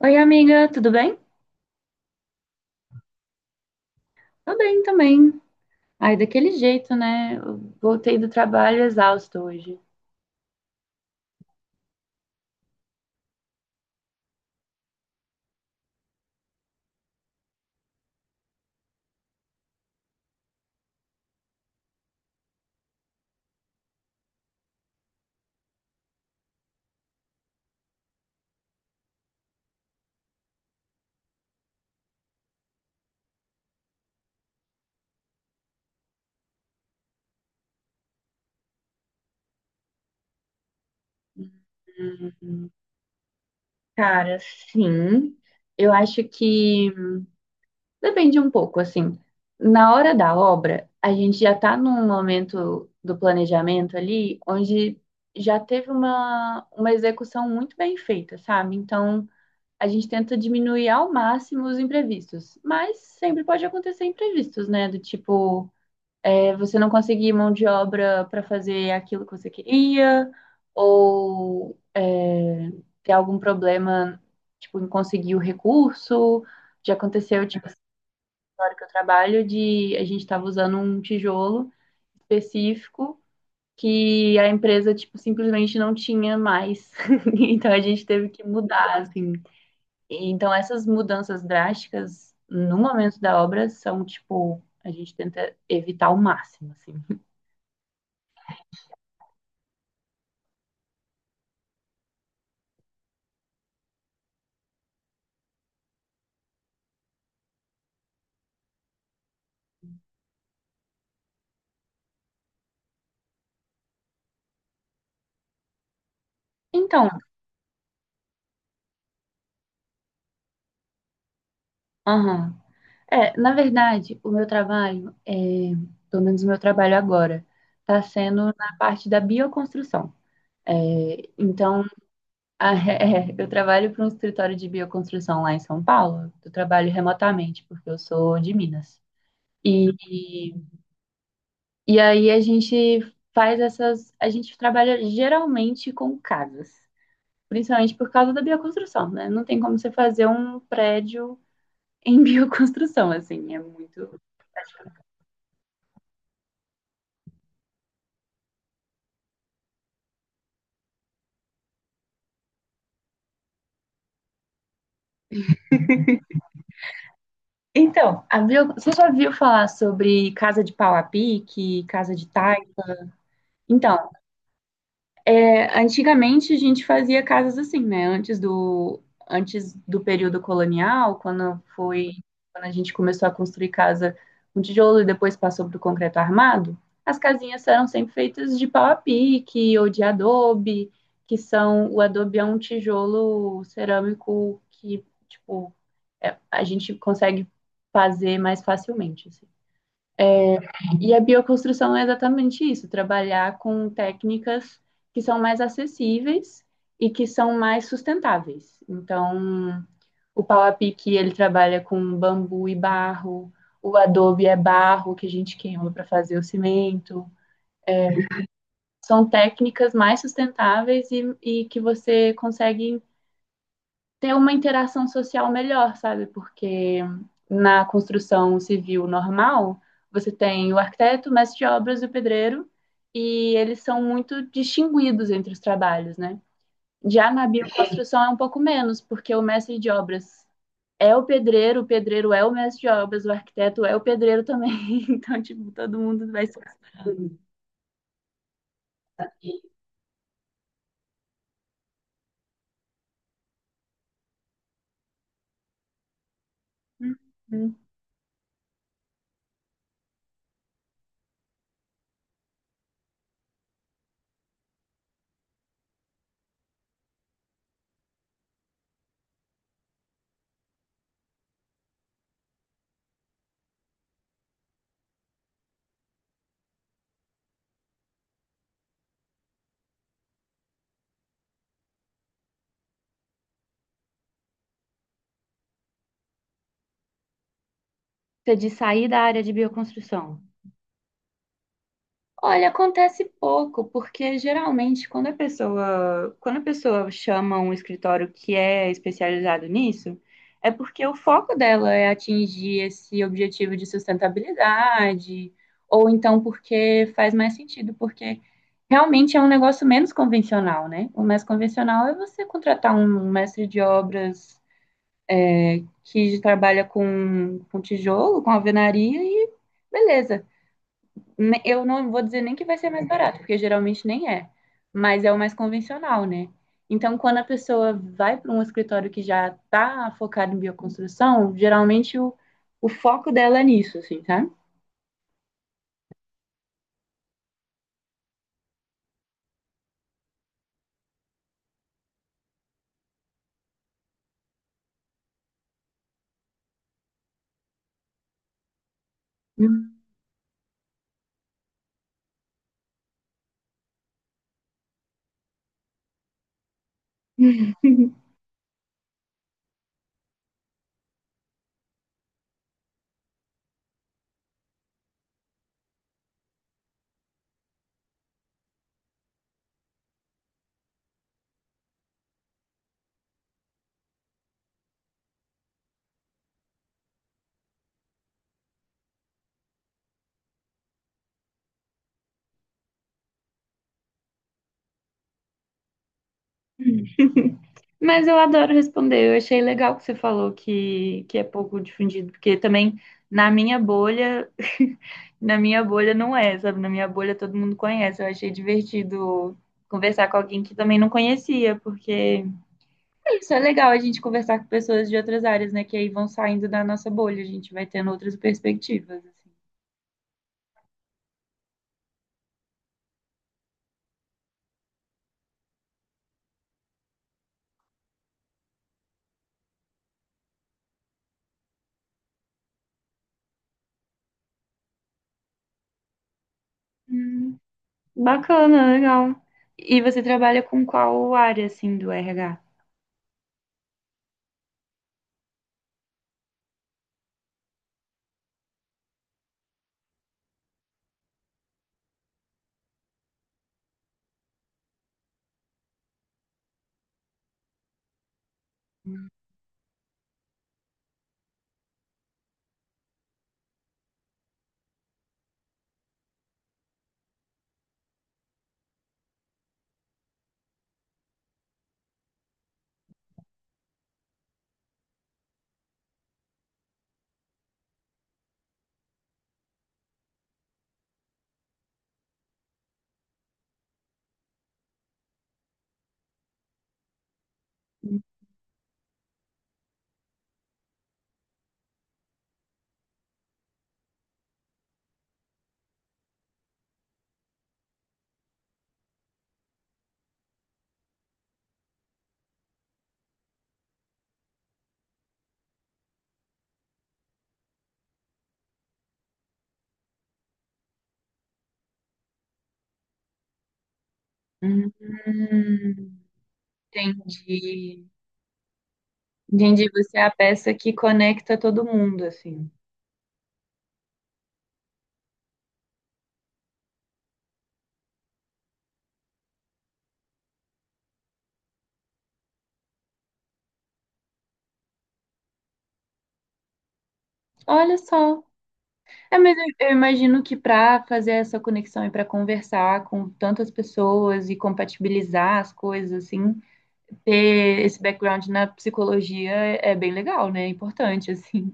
Oi, amiga, tudo bem? Tô bem também. Ai, daquele jeito, né? Eu voltei do trabalho exausto hoje. Hum, Cara, sim. Eu acho que depende um pouco, assim. Na hora da obra, a gente já tá num momento do planejamento ali, onde já teve uma execução muito bem feita, sabe? Então, a gente tenta diminuir ao máximo os imprevistos, mas sempre pode acontecer imprevistos, né? Do tipo é, você não conseguir mão de obra para fazer aquilo que você queria, ou é, ter algum problema, tipo, em conseguir o recurso. Já aconteceu, tipo, essa história que eu trabalho, de a gente estava usando um tijolo específico que a empresa, tipo, simplesmente não tinha mais. Então a gente teve que mudar, assim. E então essas mudanças drásticas no momento da obra são, tipo, a gente tenta evitar ao máximo, assim. Então, aham. É, na verdade, o meu trabalho, é, pelo menos o meu trabalho agora, está sendo na parte da bioconstrução. É, então, a- é, eu trabalho para um escritório de bioconstrução lá em São Paulo. Eu trabalho remotamente, porque eu sou de Minas. E, e aí a gente faz essas. A gente trabalha geralmente com casas, principalmente por causa da bioconstrução, né? Não tem como você fazer um prédio em bioconstrução, assim, é muito. Então, você já viu falar sobre casa de pau a pique, casa de taipa? Então, é, antigamente a gente fazia casas assim, né? Antes do período colonial, quando foi, quando a gente começou a construir casa com tijolo e depois passou para o concreto armado, as casinhas eram sempre feitas de pau a pique ou de adobe, que são, o adobe é um tijolo cerâmico que, tipo, a gente consegue fazer mais facilmente, assim. E a bioconstrução é exatamente isso, trabalhar com técnicas que são mais acessíveis e que são mais sustentáveis. Então, o pau a pique, ele trabalha com bambu e barro, o adobe é barro que a gente queima para fazer o cimento. É, são técnicas mais sustentáveis e que você consegue ter uma interação social melhor, sabe? Porque na construção civil normal, você tem o arquiteto, o mestre de obras e o pedreiro, e eles são muito distinguidos entre os trabalhos, né? Já na bioconstrução é um pouco menos, porque o mestre de obras é o pedreiro é o mestre de obras, o arquiteto é o pedreiro também. Então, tipo, todo mundo vai ser. Você de sair da área de bioconstrução. Olha, acontece pouco, porque geralmente quando a pessoa chama um escritório que é especializado nisso, é porque o foco dela é atingir esse objetivo de sustentabilidade, ou então porque faz mais sentido, porque realmente é um negócio menos convencional, né? O mais convencional é você contratar um mestre de obras que trabalha com tijolo, com alvenaria e beleza. Eu não vou dizer nem que vai ser mais barato, porque geralmente nem é, mas é o mais convencional, né? Então, quando a pessoa vai para um escritório que já está focado em bioconstrução, geralmente o foco dela é nisso, assim, sabe? Uhum. Mas eu adoro responder. Eu achei legal que você falou que é pouco difundido, porque também na minha bolha, na minha bolha não é, sabe? Na minha bolha todo mundo conhece. Eu achei divertido conversar com alguém que também não conhecia, porque isso é legal a gente conversar com pessoas de outras áreas, né? Que aí vão saindo da nossa bolha, a gente vai tendo outras perspectivas, assim. Hum, bacana, legal. E você trabalha com qual área, assim, do RH? Hum, entendi. Entendi, você é a peça que conecta todo mundo, assim. Olha só. É, mas eu imagino que para fazer essa conexão e para conversar com tantas pessoas e compatibilizar as coisas, assim, ter esse background na psicologia é bem legal, né? É importante, assim.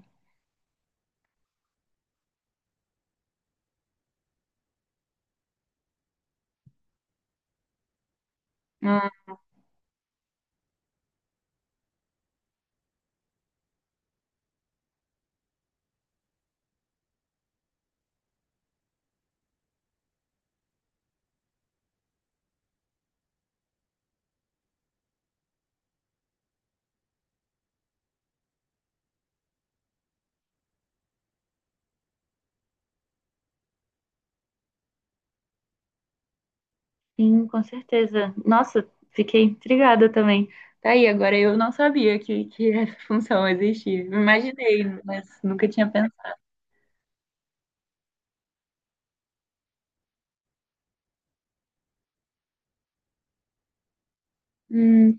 Ah, sim, com certeza. Nossa, fiquei intrigada também. Tá aí, agora eu não sabia que essa função existia. Imaginei, mas nunca tinha pensado. Hum,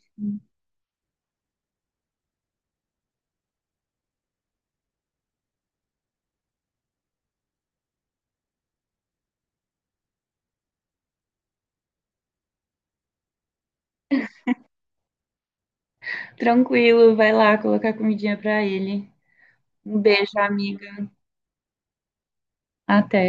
tranquilo, vai lá colocar comidinha pra ele. Um beijo, amiga. Até.